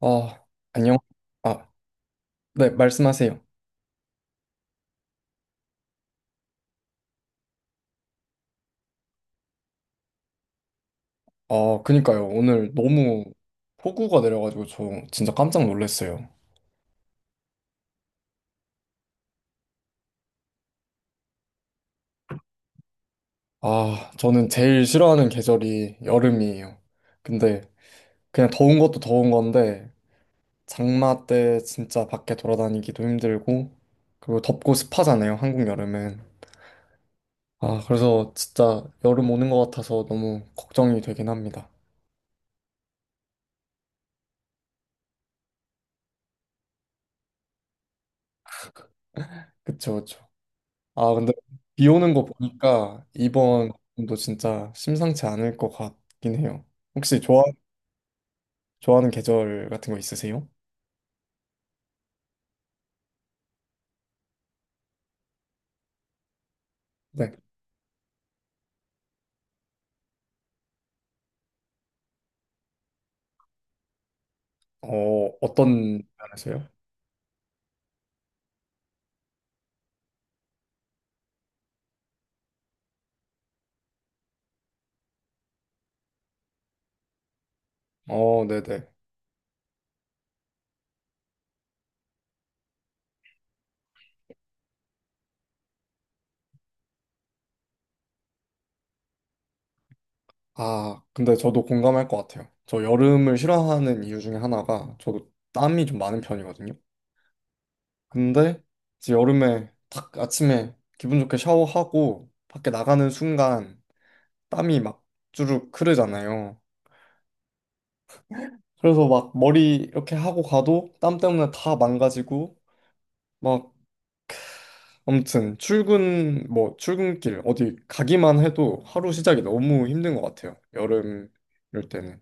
아, 안녕. 아, 네, 말씀하세요. 아, 그니까요. 오늘 너무 폭우가 내려가지고 저 진짜 깜짝 놀랐어요. 아, 저는 제일 싫어하는 계절이 여름이에요. 근데 그냥 더운 것도 더운 건데, 장마 때 진짜 밖에 돌아다니기도 힘들고, 그리고 덥고 습하잖아요, 한국 여름은. 아, 그래서 진짜 여름 오는 것 같아서 너무 걱정이 되긴 합니다. 그쵸, 그쵸. 아, 근데 비 오는 거 보니까 이번 도 진짜 심상치 않을 것 같긴 해요. 혹시 좋아, 좋아하는 계절 같은 거 있으세요? 네. 어, 어떤 면에서요? 어, 네네. 아, 근데 저도 공감할 것 같아요. 저 여름을 싫어하는 이유 중에 하나가 저도 땀이 좀 많은 편이거든요. 근데 이제 여름에 딱 아침에 기분 좋게 샤워하고 밖에 나가는 순간 땀이 막 주르륵 흐르잖아요. 그래서 막 머리 이렇게 하고 가도 땀 때문에 다 망가지고 막 아무튼 출근 뭐 출근길 어디 가기만 해도 하루 시작이 너무 힘든 것 같아요. 여름 이럴 때는.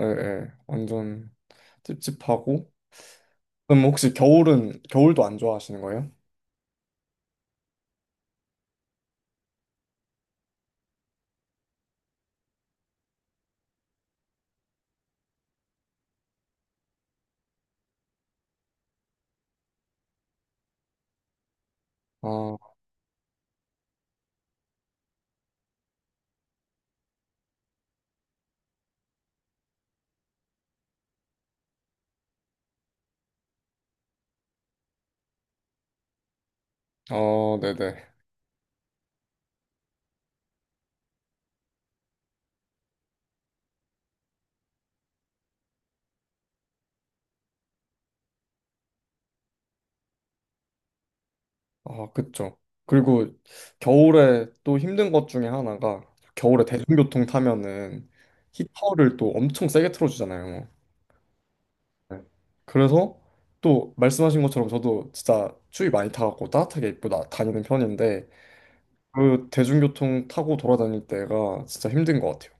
예, 예. 완전 찝찝하고. 그럼 혹시 겨울은 겨울도 안 좋아하시는 거예요? 아, 어, 네네. 아, 그쵸. 그리고 겨울에 또 힘든 것 중에 하나가 겨울에 대중교통 타면은 히터를 또 엄청 세게 틀어주잖아요. 네. 그래서 또 말씀하신 것처럼 저도 진짜 추위 많이 타갖고 따뜻하게 입고 나, 다니는 편인데 그 대중교통 타고 돌아다닐 때가 진짜 힘든 것 같아요.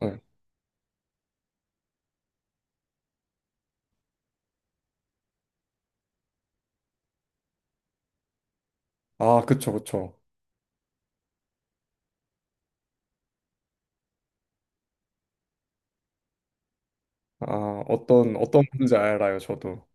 네. 아 그쵸 그쵸. 아 어떤 건지 알아요 저도.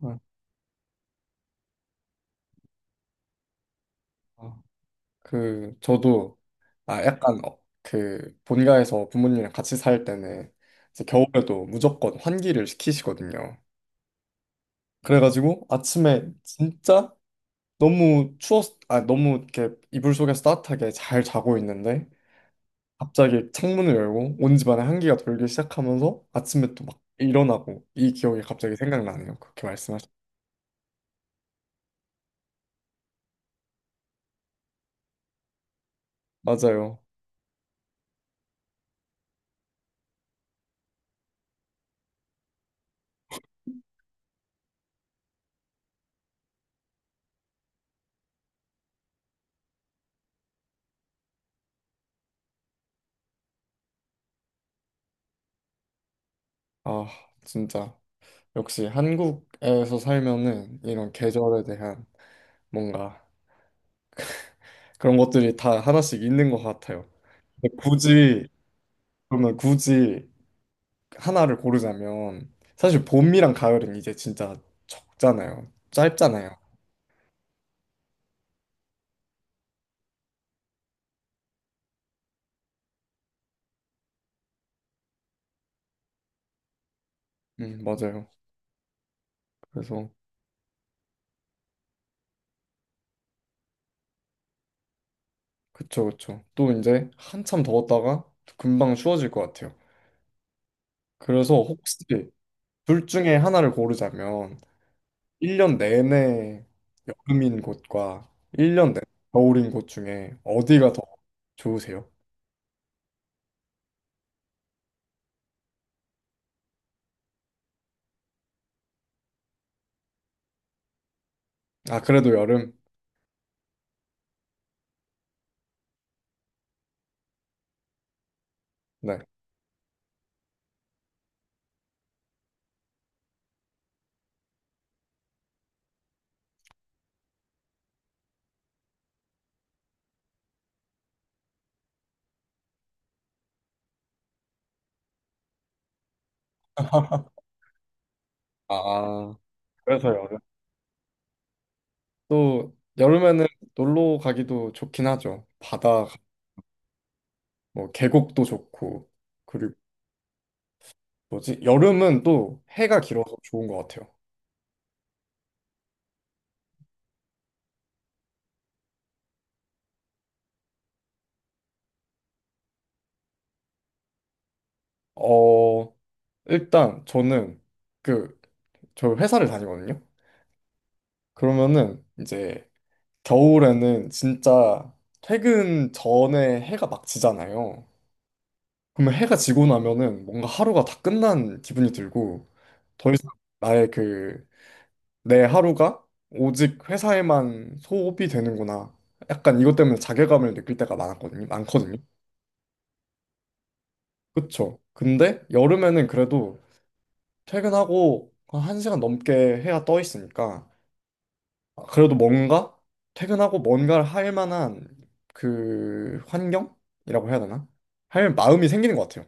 네. 아, 아. 그 저도 아 약간 어, 그 본가에서 부모님이랑 같이 살 때는 이제 겨울에도 무조건 환기를 시키시거든요. 그래가지고 아침에 진짜 너무 추웠, 아, 너무 이렇게 이불 속에서 따뜻하게 잘 자고 있는데 갑자기 창문을 열고 온 집안에 한기가 돌기 시작하면서 아침에 또 막 일어나고 이 기억이 갑자기 생각나네요. 그렇게 말씀하셨. 맞아요. 아, 진짜 역시 한국에서 살면은 이런 계절에 대한 뭔가 그런 것들이 다 하나씩 있는 것 같아요. 근데 굳이 그러면 굳이 하나를 고르자면 사실 봄이랑 가을은 이제 진짜 적잖아요. 짧잖아요. 맞아요. 그래서 그쵸 그쵸. 또 이제 한참 더웠다가 금방 추워질 것 같아요. 그래서 혹시 둘 중에 하나를 고르자면 1년 내내 여름인 곳과 1년 내내 겨울인 곳 중에 어디가 더 좋으세요? 아 그래도 여름? 네. 아 그래서 여름. 또 여름에는 놀러 가기도 좋긴 하죠. 바다 뭐 계곡도 좋고 그리고 뭐지? 여름은 또 해가 길어서 좋은 것 같아요. 어 일단 저는 그 저 회사를 다니거든요. 그러면은 이제 겨울에는 진짜 퇴근 전에 해가 막 지잖아요. 그러면 해가 지고 나면은 뭔가 하루가 다 끝난 기분이 들고 더 이상 나의 그 내 하루가 오직 회사에만 소비되는구나. 약간 이것 때문에 자괴감을 느낄 때가 많았거든요. 많거든요. 그쵸. 근데 여름에는 그래도 퇴근하고 한 1시간 넘게 해야 떠 있으니까 아, 그래도 뭔가 퇴근하고 뭔가를 할 만한 그 환경이라고 해야 되나? 할 마음이 생기는 것 같아요.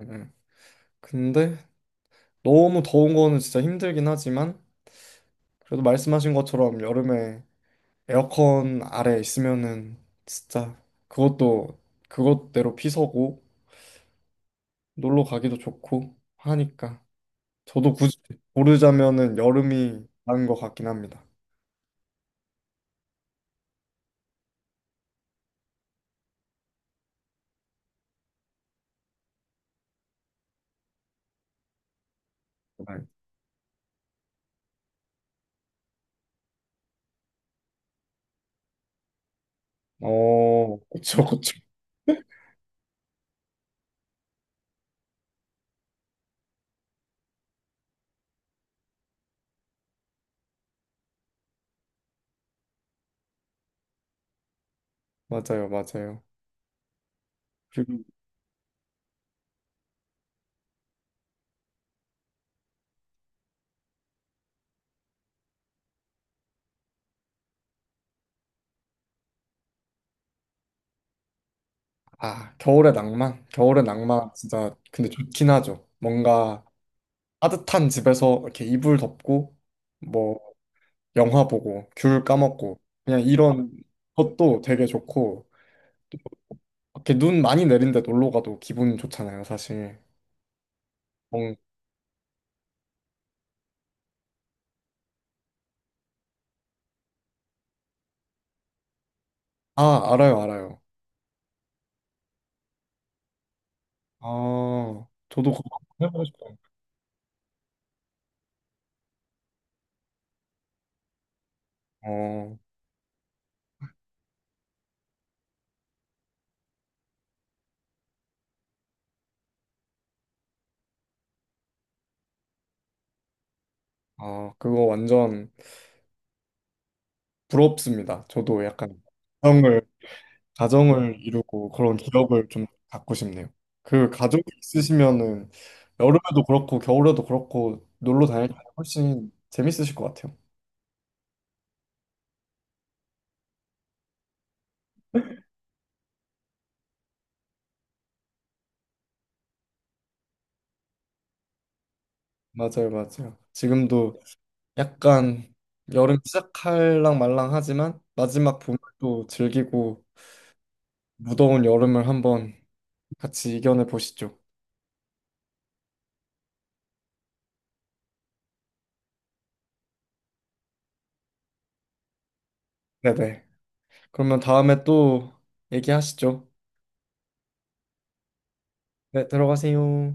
음. 음. 근데 너무 더운 거는 진짜 힘들긴 하지만 그래도 말씀하신 것처럼 여름에 에어컨 아래 있으면은 진짜 그것도 그것대로 피서고 놀러 가기도 좋고 하니까 저도 굳이 고르자면은 여름이 나은 것 같긴 합니다. 네. 어, 그쵸, 그쵸. 맞아요, 맞아요. 그리고 아, 겨울의 낭만. 겨울의 낭만 진짜 근데 좋긴 하죠. 뭔가 따뜻한 집에서 이렇게 이불 덮고 뭐 영화 보고 귤 까먹고 그냥 이런 것도 되게 좋고 또 이렇게 눈 많이 내린데 놀러 가도 기분 좋잖아요, 사실. 뭔- 아, 알아요, 알아요. 아, 저도 그거 한번 해보고 싶어요. 어, 아, 그거 완전 부럽습니다. 저도 약간 그런 걸 가정을 이루고 그런 기억을 좀 갖고 싶네요. 그 가족이 있으시면은 여름에도 그렇고 겨울에도 그렇고 놀러 다닐 때 훨씬 재밌으실 것 같아요. 맞아요, 맞아요. 지금도 약간 여름 시작할랑 말랑 하지만 마지막 봄을 또 즐기고 무더운 여름을 한번 같이 이겨내 보시죠. 네네. 그러면 다음에 또 얘기하시죠. 네, 들어가세요.